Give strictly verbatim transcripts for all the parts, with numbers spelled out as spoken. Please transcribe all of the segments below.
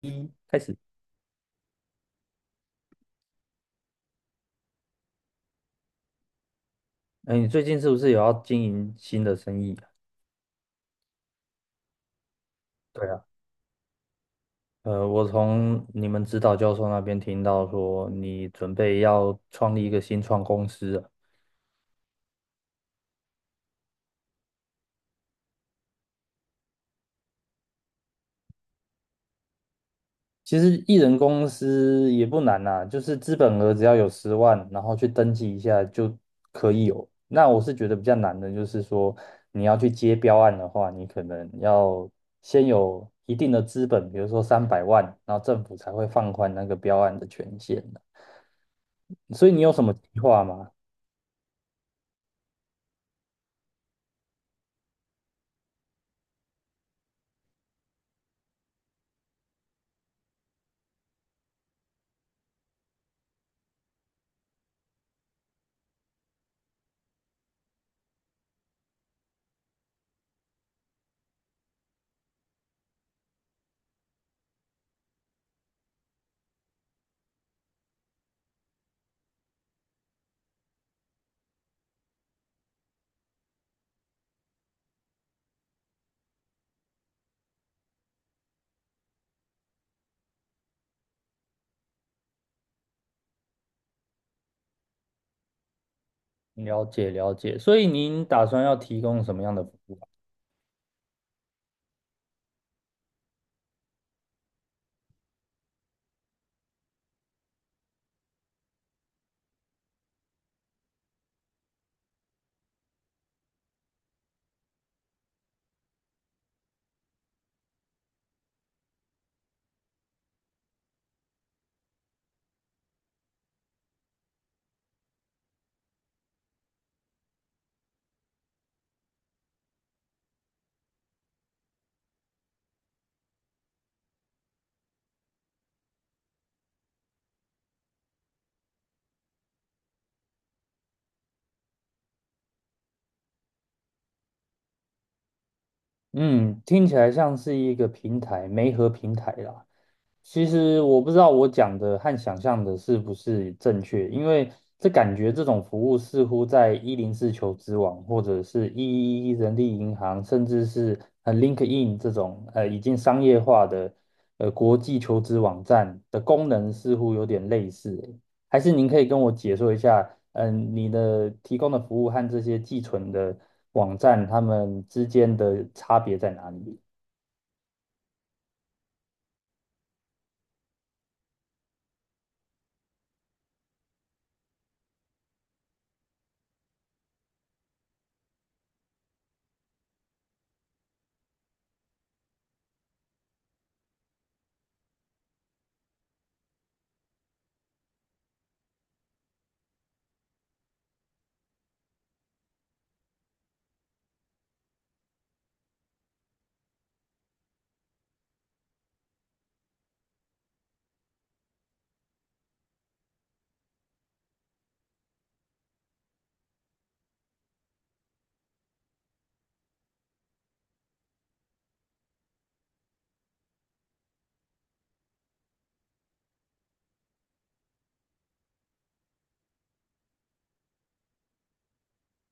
一开始，哎，你最近是不是有要经营新的生意啊？对啊，呃，我从你们指导教授那边听到说，你准备要创立一个新创公司啊。其实艺人公司也不难啦，就是资本额只要有十万，然后去登记一下就可以有。那我是觉得比较难的，就是说你要去接标案的话，你可能要先有一定的资本，比如说三百万，然后政府才会放宽那个标案的权限。所以你有什么计划吗？了解了解，所以您打算要提供什么样的服务啊。嗯，听起来像是一个平台，媒合平台啦。其实我不知道我讲的和想象的是不是正确，因为这感觉这种服务似乎在一零四求职网或者是一一一人力银行，甚至是呃 LinkedIn 这种呃已经商业化的呃国际求职网站的功能似乎有点类似欸。还是您可以跟我解说一下，嗯，你的提供的服务和这些寄存的网站，它们之间的差别在哪里？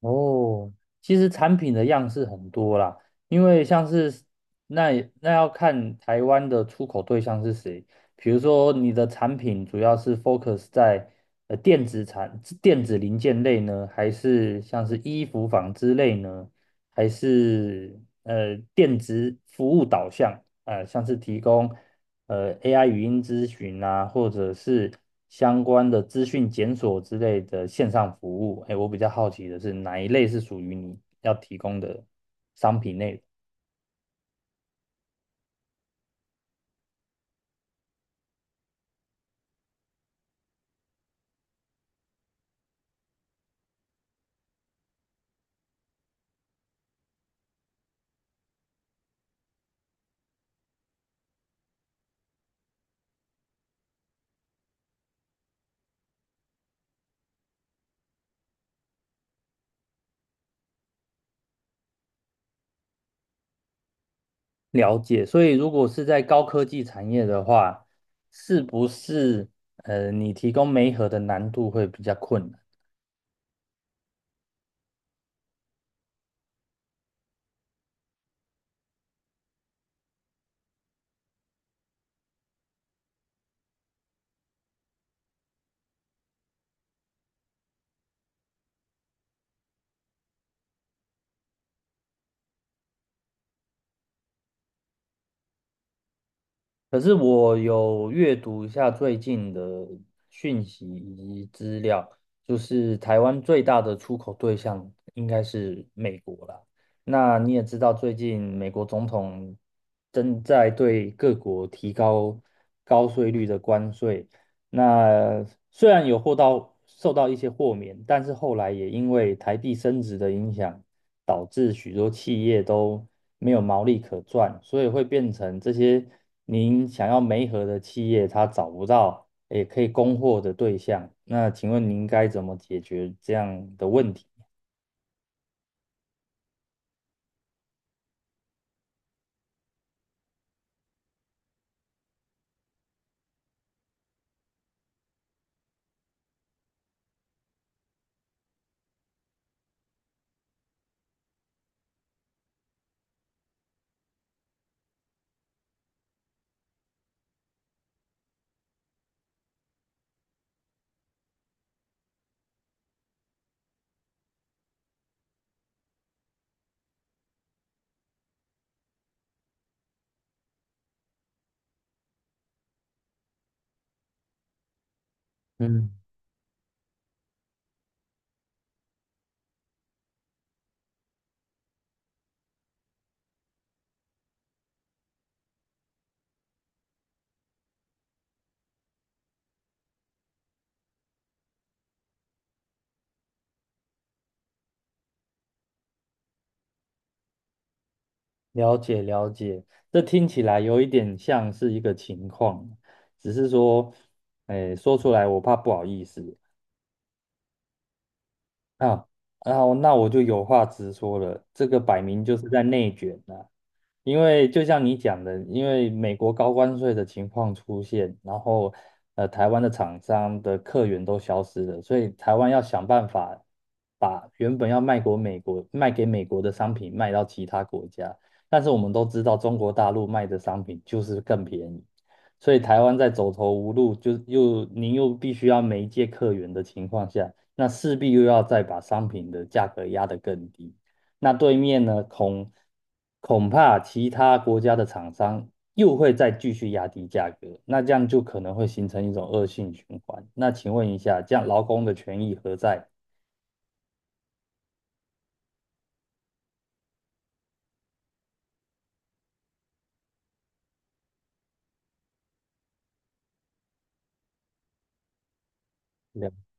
哦，其实产品的样式很多啦，因为像是那那要看台湾的出口对象是谁。比如说，你的产品主要是 focus 在呃电子产电子零件类呢，还是像是衣服纺织类呢，还是呃电子服务导向？呃，像是提供。呃 A I 语音咨询啊，或者是相关的资讯检索之类的线上服务。哎，我比较好奇的是哪一类是属于你要提供的商品内容。了解。所以如果是在高科技产业的话，是不是呃你提供媒合的难度会比较困难？可是我有阅读一下最近的讯息以及资料，就是台湾最大的出口对象应该是美国啦。那你也知道，最近美国总统正在对各国提高高税率的关税，那虽然有获到受到一些豁免，但是后来也因为台币升值的影响，导致许多企业都没有毛利可赚，所以会变成这些您想要媒合的企业，它找不到也可以供货的对象。那请问您该怎么解决这样的问题？嗯，了解了解，这听起来有一点像是一个情况，只是说，哎，说出来我怕不好意思。啊，然后那我就有话直说了，这个摆明就是在内卷呐、因为就像你讲的，因为美国高关税的情况出现，然后呃，台湾的厂商的客源都消失了，所以台湾要想办法把原本要卖国美国卖给美国的商品卖到其他国家，但是我们都知道中国大陆卖的商品就是更便宜，所以台湾在走投无路，就又您又必须要媒介客源的情况下。那势必又要再把商品的价格压得更低。那对面呢，恐恐怕其他国家的厂商又会再继续压低价格，那这样就可能会形成一种恶性循环。那请问一下，这样劳工的权益何在？了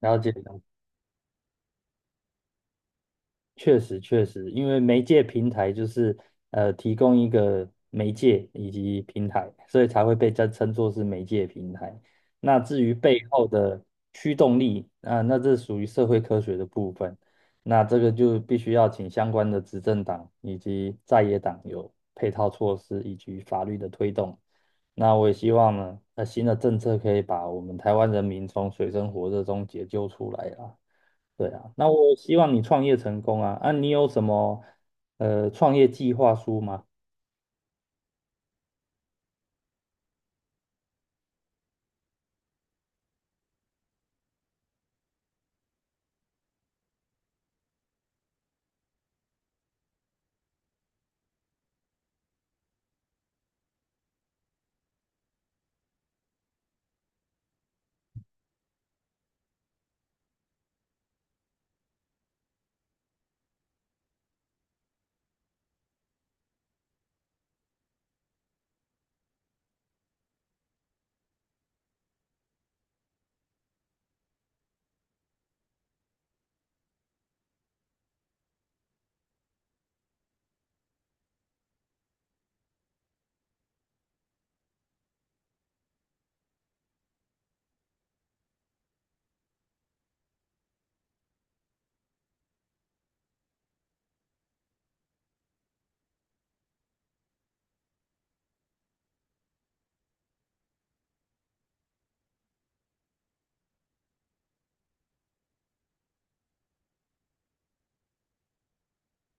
了解。确实，确实，因为媒介平台就是呃提供一个媒介以及平台，所以才会被称称作是媒介平台。那至于背后的驱动力，啊、那这属于社会科学的部分。那这个就必须要请相关的执政党以及在野党有配套措施以及法律的推动。那我也希望呢，呃，新的政策可以把我们台湾人民从水深火热中解救出来啦。对啊，那我希望你创业成功啊！啊，你有什么呃创业计划书吗？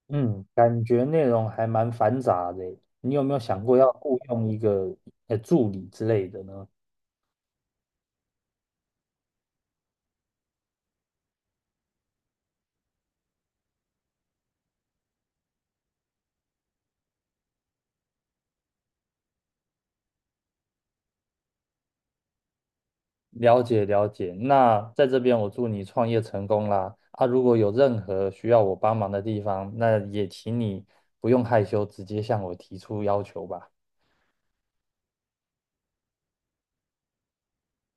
嗯，感觉内容还蛮繁杂的耶，你有没有想过要雇佣一个呃助理之类的呢？了解了解，那在这边我祝你创业成功啦！啊，如果有任何需要我帮忙的地方，那也请你不用害羞，直接向我提出要求吧。